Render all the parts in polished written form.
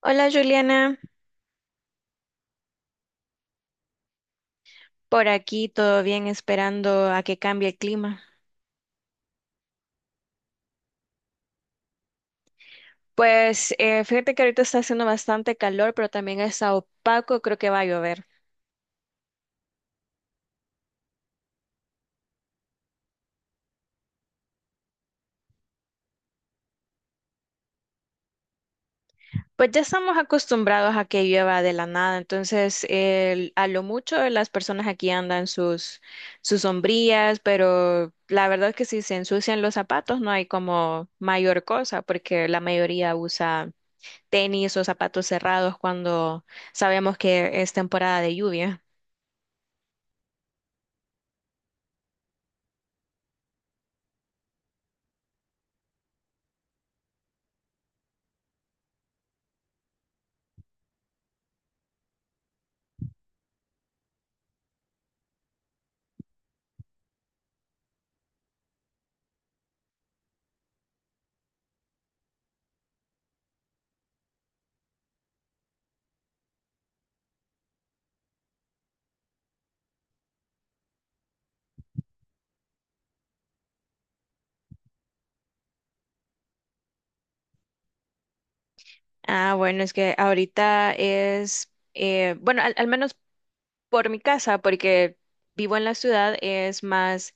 Hola Juliana, por aquí todo bien, esperando a que cambie el clima. Pues fíjate que ahorita está haciendo bastante calor, pero también está opaco, creo que va a llover. Pues ya estamos acostumbrados a que llueva de la nada, entonces a lo mucho las personas aquí andan sus sombrillas, pero la verdad es que si se ensucian los zapatos no hay como mayor cosa, porque la mayoría usa tenis o zapatos cerrados cuando sabemos que es temporada de lluvia. Ah, bueno, es que ahorita es, bueno, al menos por mi casa, porque vivo en la ciudad, es más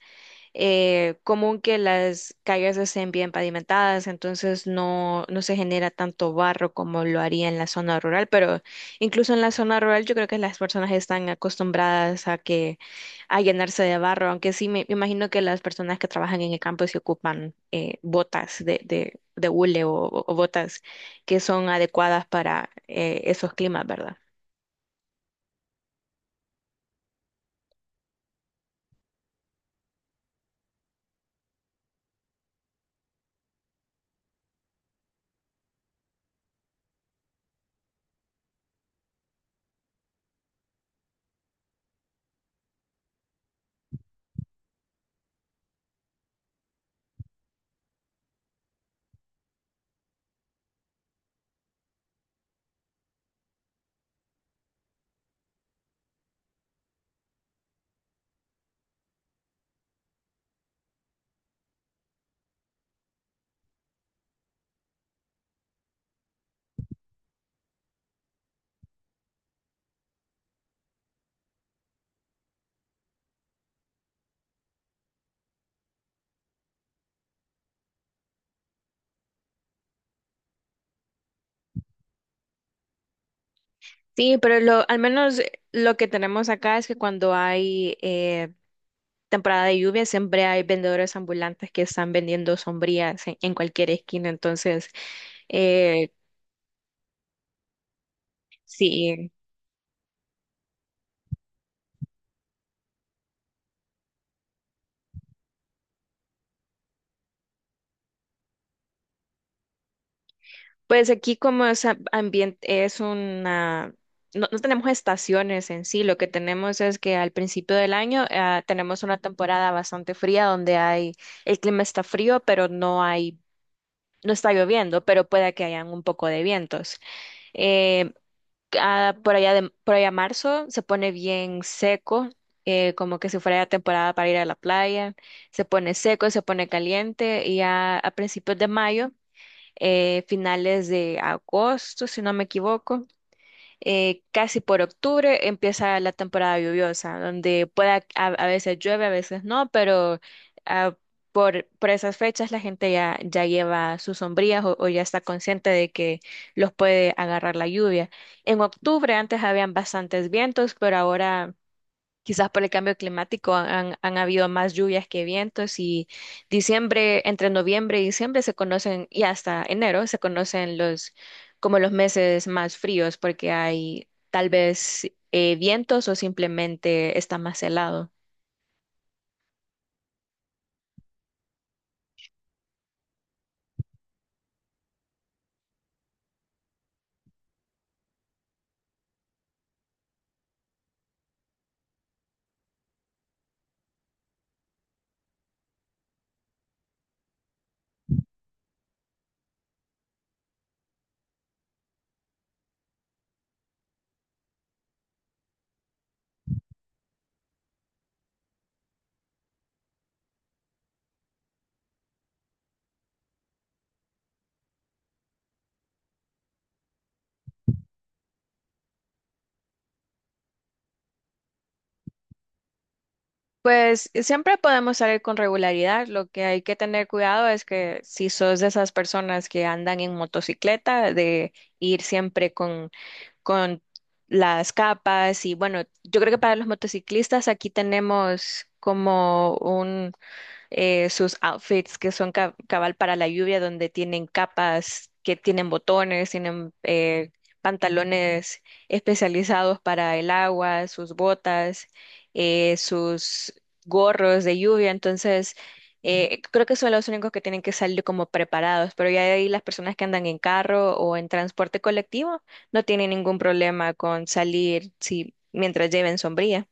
común que las calles estén bien pavimentadas, entonces no se genera tanto barro como lo haría en la zona rural, pero incluso en la zona rural yo creo que las personas están acostumbradas a llenarse de barro, aunque sí me imagino que las personas que trabajan en el campo se ocupan botas de hule o, o botas que son adecuadas para esos climas, ¿verdad? Sí, pero lo, al menos lo que tenemos acá es que cuando hay temporada de lluvia siempre hay vendedores ambulantes que están vendiendo sombrillas en cualquier esquina. Entonces, eh, sí, pues aquí como es ambiente, es una... No, no tenemos estaciones en sí, lo que tenemos es que al principio del año tenemos una temporada bastante fría donde hay, el clima está frío, pero no hay, no está lloviendo, pero puede que hayan un poco de vientos. Eh, por allá de, por allá marzo se pone bien seco, como que si fuera ya temporada para ir a la playa, se pone seco, se pone caliente y ya a principios de mayo, finales de agosto, si no me equivoco casi por octubre empieza la temporada lluviosa, donde pueda, a veces llueve, a veces no, pero ah, por esas fechas la gente ya, ya lleva sus sombrillas o ya está consciente de que los puede agarrar la lluvia. En octubre antes habían bastantes vientos, pero ahora quizás por el cambio climático han habido más lluvias que vientos y diciembre, entre noviembre y diciembre se conocen, y hasta enero se conocen los como los meses más fríos porque hay tal vez vientos o simplemente está más helado. Pues siempre podemos salir con regularidad. Lo que hay que tener cuidado es que si sos de esas personas que andan en motocicleta, de ir siempre con las capas y bueno, yo creo que para los motociclistas aquí tenemos como un sus outfits que son cabal para la lluvia, donde tienen capas, que tienen botones, tienen pantalones especializados para el agua, sus botas, sus gorros de lluvia. Entonces, creo que son los únicos que tienen que salir como preparados, pero ya de ahí las personas que andan en carro o en transporte colectivo no tienen ningún problema con salir si, mientras lleven sombría.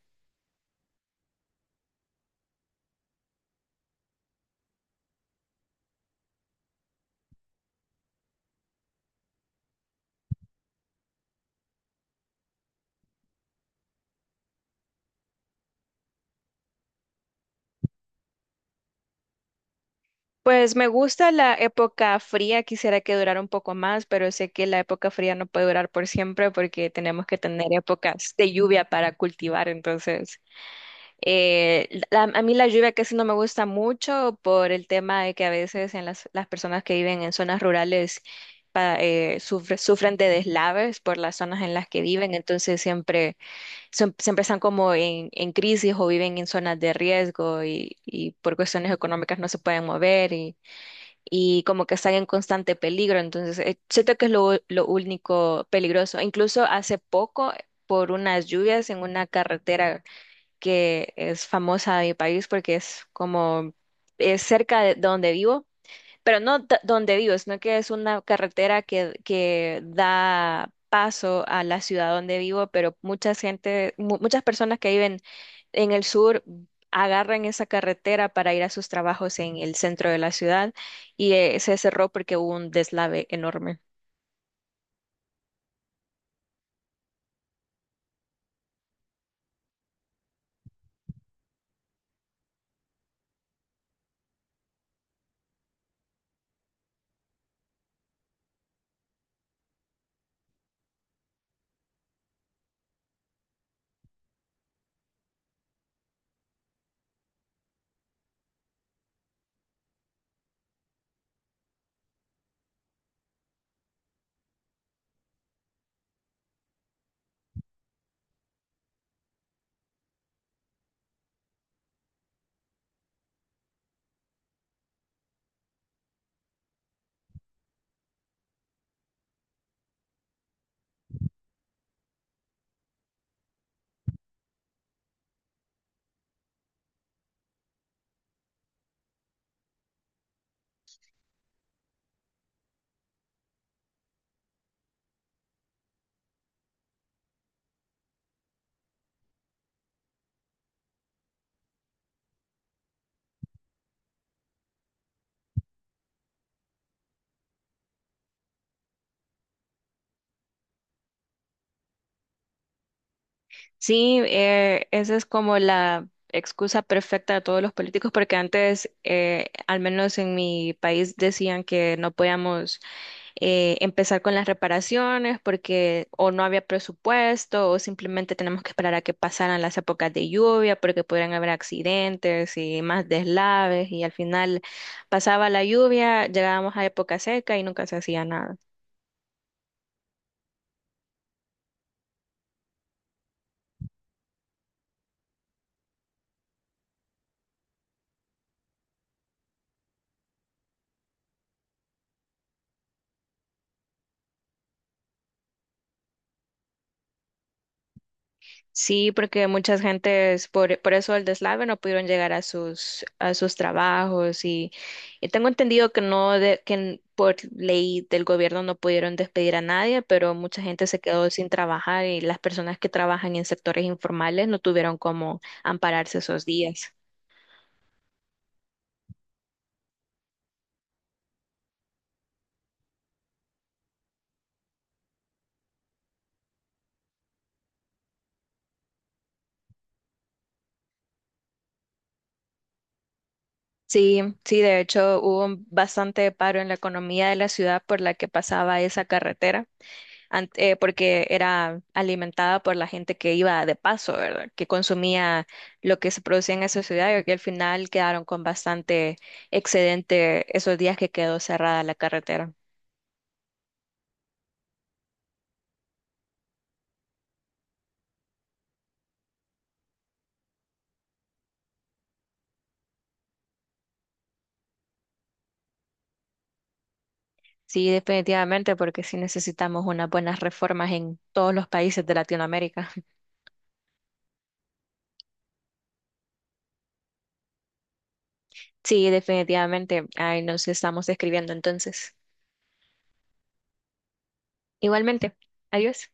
Pues me gusta la época fría, quisiera que durara un poco más, pero sé que la época fría no puede durar por siempre porque tenemos que tener épocas de lluvia para cultivar. Entonces, la- a mí la lluvia casi no me gusta mucho por el tema de que a veces en las personas que viven en zonas rurales sufren de deslaves por las zonas en las que viven, entonces siempre, siempre están como en crisis o viven en zonas de riesgo y por cuestiones económicas no se pueden mover y como que están en constante peligro. Entonces, siento que es lo único peligroso. Incluso hace poco, por unas lluvias en una carretera que es famosa de mi país porque es como es cerca de donde vivo, pero no donde vivo, sino que es una carretera que da paso a la ciudad donde vivo, pero mucha gente, muchas personas que viven en el sur agarran esa carretera para ir a sus trabajos en el centro de la ciudad y se cerró porque hubo un deslave enorme. Sí, esa es como la excusa perfecta de todos los políticos, porque antes, al menos en mi país, decían que no podíamos empezar con las reparaciones porque o no había presupuesto o simplemente tenemos que esperar a que pasaran las épocas de lluvia porque podrían haber accidentes y más deslaves y al final pasaba la lluvia, llegábamos a época seca y nunca se hacía nada. Sí, porque muchas gentes por eso el deslave no pudieron llegar a sus trabajos y tengo entendido que no de- que n- por ley del gobierno no pudieron despedir a nadie, pero mucha gente se quedó sin trabajar y las personas que trabajan en sectores informales no tuvieron cómo ampararse esos días. Sí, sí, de hecho hubo un bastante paro en la economía de la ciudad por la que pasaba esa carretera. Porque era alimentada por la gente que iba de paso, ¿verdad? Que consumía lo que se producía en esa ciudad y al final quedaron con bastante excedente esos días que quedó cerrada la carretera. Sí, definitivamente, porque sí necesitamos unas buenas reformas en todos los países de Latinoamérica. Sí, definitivamente. Ahí nos estamos escribiendo entonces. Igualmente. Adiós.